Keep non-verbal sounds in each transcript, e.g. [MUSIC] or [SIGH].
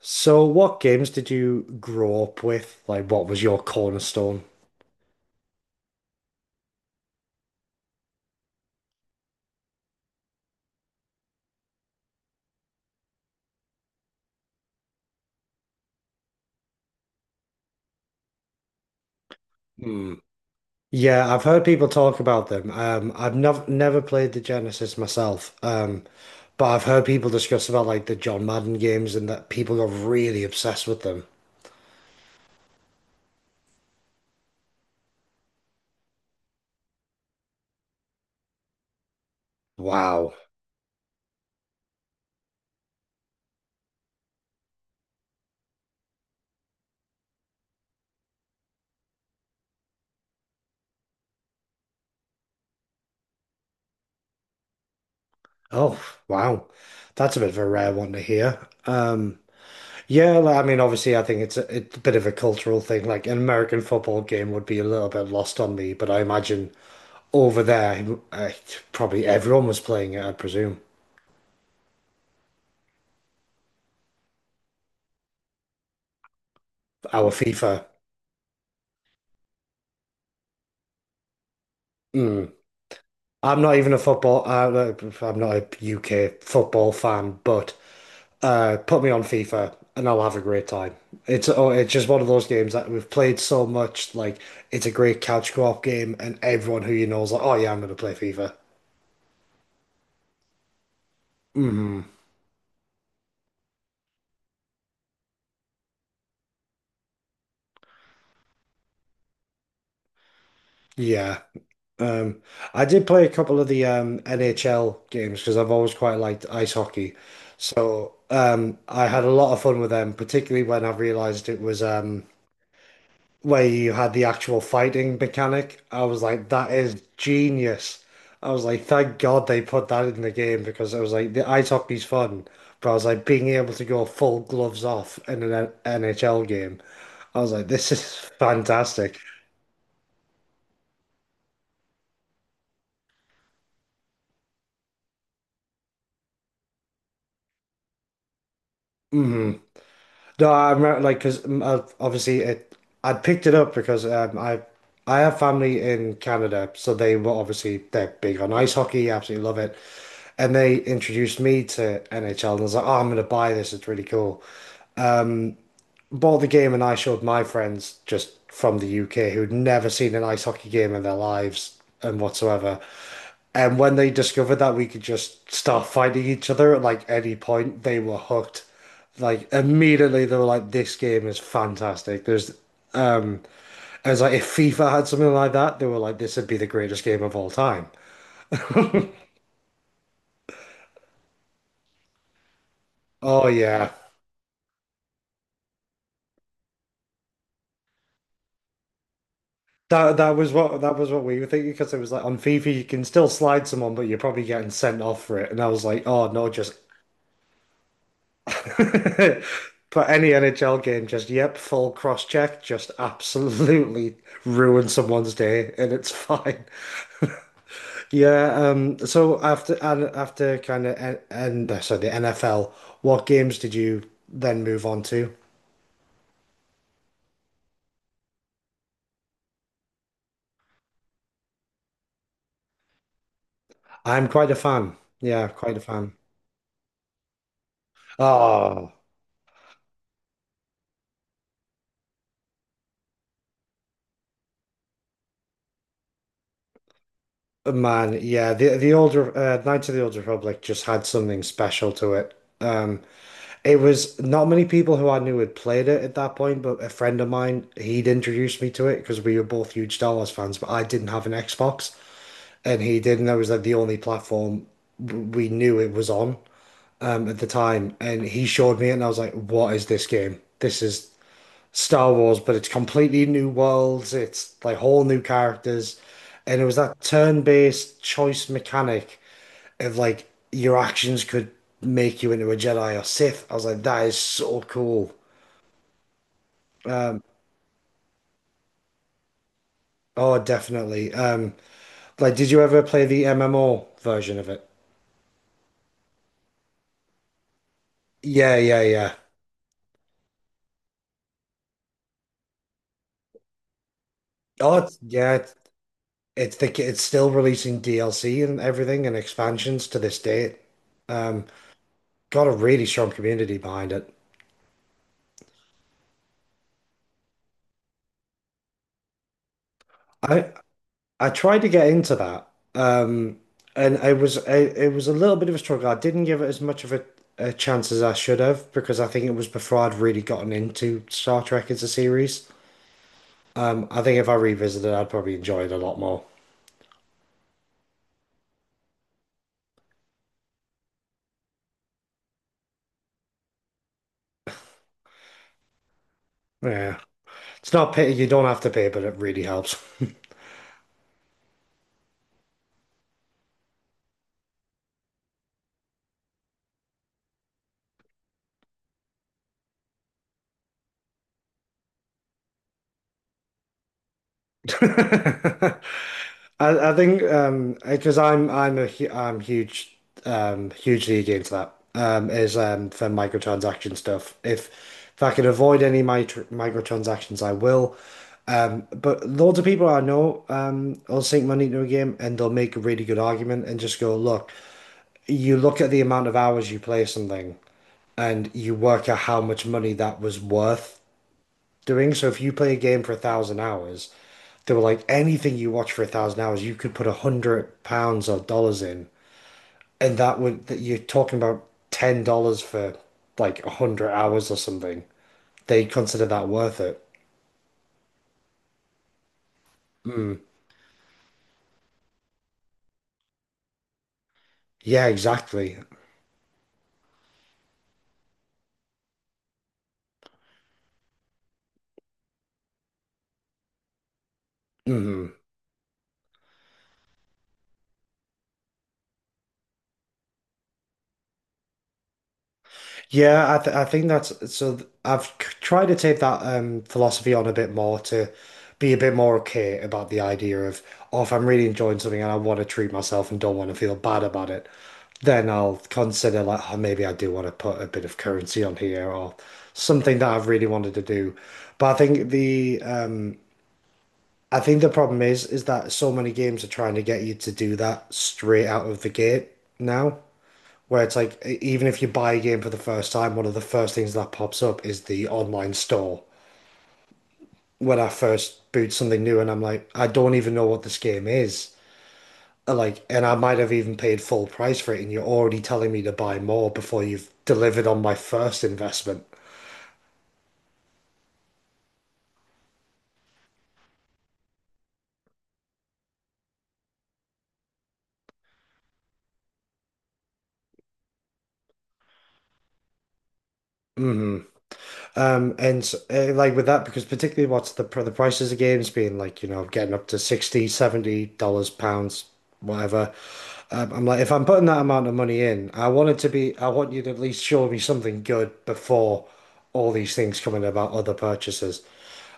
So, what games did you grow up with? Like, what was your cornerstone? Hmm. Yeah, I've heard people talk about them. I've never played the Genesis myself, but I've heard people discuss about like the John Madden games and that people got really obsessed with them. Wow. Oh, wow. That's a bit of a rare one to hear. Um, yeah, like, I mean, obviously, I think it's a bit of a cultural thing. Like an American football game would be a little bit lost on me, but I imagine over there, I, probably everyone was playing it, I presume. Our FIFA. Mm. I'm not even a football. I'm not a UK football fan, but put me on FIFA and I'll have a great time. It's just one of those games that we've played so much. Like it's a great couch co-op game, and everyone who you know is like, "Oh yeah, I'm going to play FIFA." Mm. Yeah. Um, I did play a couple of the NHL games because I've always quite liked ice hockey. So I had a lot of fun with them, particularly when I realized it was where you had the actual fighting mechanic. I was like, that is genius. I was like, thank God they put that in the game because I was like, the ice hockey's fun, but I was like, being able to go full gloves off in an NHL game, I was like, this is [LAUGHS] fantastic. Mm-hmm. No, I remember like because obviously it I picked it up because I have family in Canada, so they were obviously they're big on ice hockey, absolutely love it, and they introduced me to NHL, and I was like, oh, I'm gonna buy this, it's really cool. Bought the game, and I showed my friends just from the UK who'd never seen an ice hockey game in their lives and whatsoever, and when they discovered that we could just start fighting each other at like any point, they were hooked. Like immediately they were like, this game is fantastic. There's um, I was like, if FIFA had something like that, they were like, this would be the greatest game of all time. Oh yeah. That was what we were thinking because it was like on FIFA you can still slide someone, but you're probably getting sent off for it. And I was like, oh no, just [LAUGHS] but any NHL game, just yep, full cross check, just absolutely ruin someone's day, and it's fine. [LAUGHS] Yeah. So after and after kind of and so the NFL, what games did you then move on to? I'm quite a fan. Yeah, quite a fan. Oh man, yeah. The Knights of the Old Republic just had something special to it. Um, It was not many people who I knew had played it at that point, but a friend of mine, he'd introduced me to it because we were both huge Star Wars fans, but I didn't have an Xbox and he did, and that was like the only platform we knew it was on at the time. And he showed me it and I was like, what is this game? This is Star Wars, but it's completely new worlds. It's like whole new characters. And it was that turn-based choice mechanic of like your actions could make you into a Jedi or Sith. I was like, that is so cool. Oh, definitely. Like, did you ever play the MMO version of it? Yeah, yeah, yeah. Oh, it's, yeah. It's still releasing DLC and everything and expansions to this date. Um, got a really strong community behind it. I I tried to get into that, um, and it was a little bit of a struggle. I didn't give it as much of a chance as I should have because I think it was before I'd really gotten into Star Trek as a series. I think if I revisited, I'd probably enjoy it a lot more. Yeah, it's not a pity you don't have to pay, but it really helps. [LAUGHS] I think because I'm huge hugely against that is for microtransaction stuff if I can avoid any microtransactions I will but loads of people I know will sink money into a game and they'll make a really good argument and just go look you look at the amount of hours you play something and you work out how much money that was worth doing. So if you play a game for 1,000 hours, they were like anything you watch for 1,000 hours, you could put £100 or dollars in, and that you're talking about $10 for like 100 hours or something. They consider that worth it. Mm. Yeah, exactly. Mm. Yeah, I think that's so. I've tried to take that philosophy on a bit more to be a bit more okay about the idea of, oh, if I'm really enjoying something and I want to treat myself and don't want to feel bad about it, then I'll consider like oh, maybe I do want to put a bit of currency on here or something that I've really wanted to do. But I think the problem is that so many games are trying to get you to do that straight out of the gate now, where it's like even if you buy a game for the first time, one of the first things that pops up is the online store. When I first boot something new and I'm like, I don't even know what this game is. Like, and I might have even paid full price for it, and you're already telling me to buy more before you've delivered on my first investment. Hmm. And like with that, because particularly what's the the prices of games being like, getting up to 60, $70, pounds, whatever. I'm like, if I'm putting that amount of money in, I want you to at least show me something good before all these things coming about other purchases.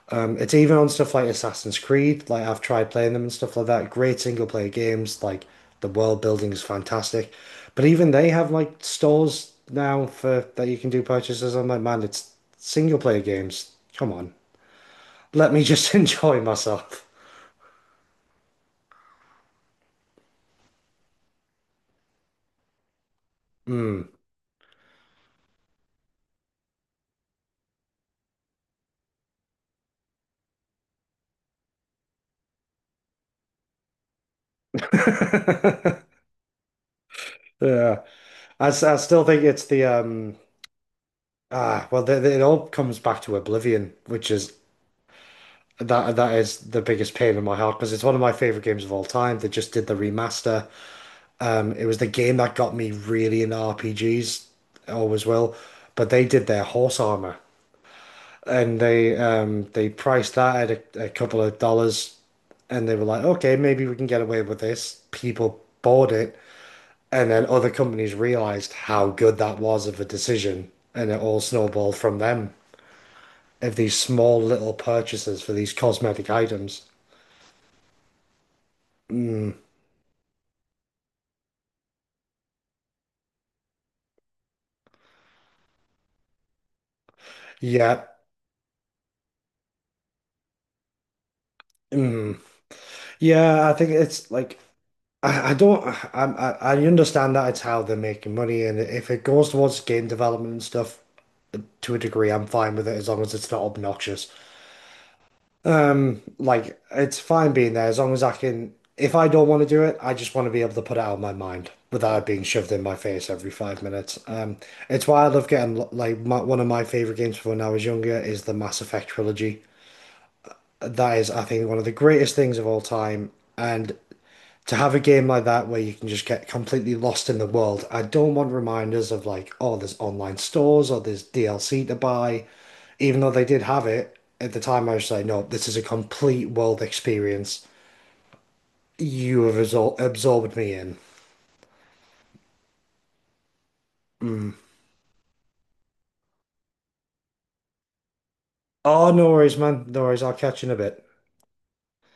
It's even on stuff like Assassin's Creed. Like I've tried playing them and stuff like that. Great single player games. Like the world building is fantastic. But even they have like stores now for that you can do purchases. I'm like, man, it's single player games. Come on. Let me just [LAUGHS] enjoy myself. Mm. [LAUGHS] Yeah. I still think it's the ah well th th- it all comes back to Oblivion, which is that is the biggest pain in my heart because it's one of my favorite games of all time. They just did the remaster. It was the game that got me really into RPGs, always will. But they did their horse armor, and they priced that at a couple of dollars, and they were like, okay, maybe we can get away with this. People bought it, and then other companies realized how good that was of a decision, and it all snowballed from them of these small little purchases for these cosmetic items. Yeah. Mm. Yeah, I think it's like I don't I understand that it's how they're making money and if it goes towards game development and stuff to a degree I'm fine with it as long as it's not obnoxious. Like it's fine being there as long as I can if I don't want to do it I just want to be able to put it out of my mind without it being shoved in my face every 5 minutes. It's why I love getting like one of my favorite games from when I was younger is the Mass Effect trilogy. That is I think one of the greatest things of all time and to have a game like that where you can just get completely lost in the world, I don't want reminders of like, oh, there's online stores or there's DLC to buy. Even though they did have it at the time, I was like, no, this is a complete world experience. You have absorbed me in. Mm. Oh, no worries, man. No worries. I'll catch you in a bit.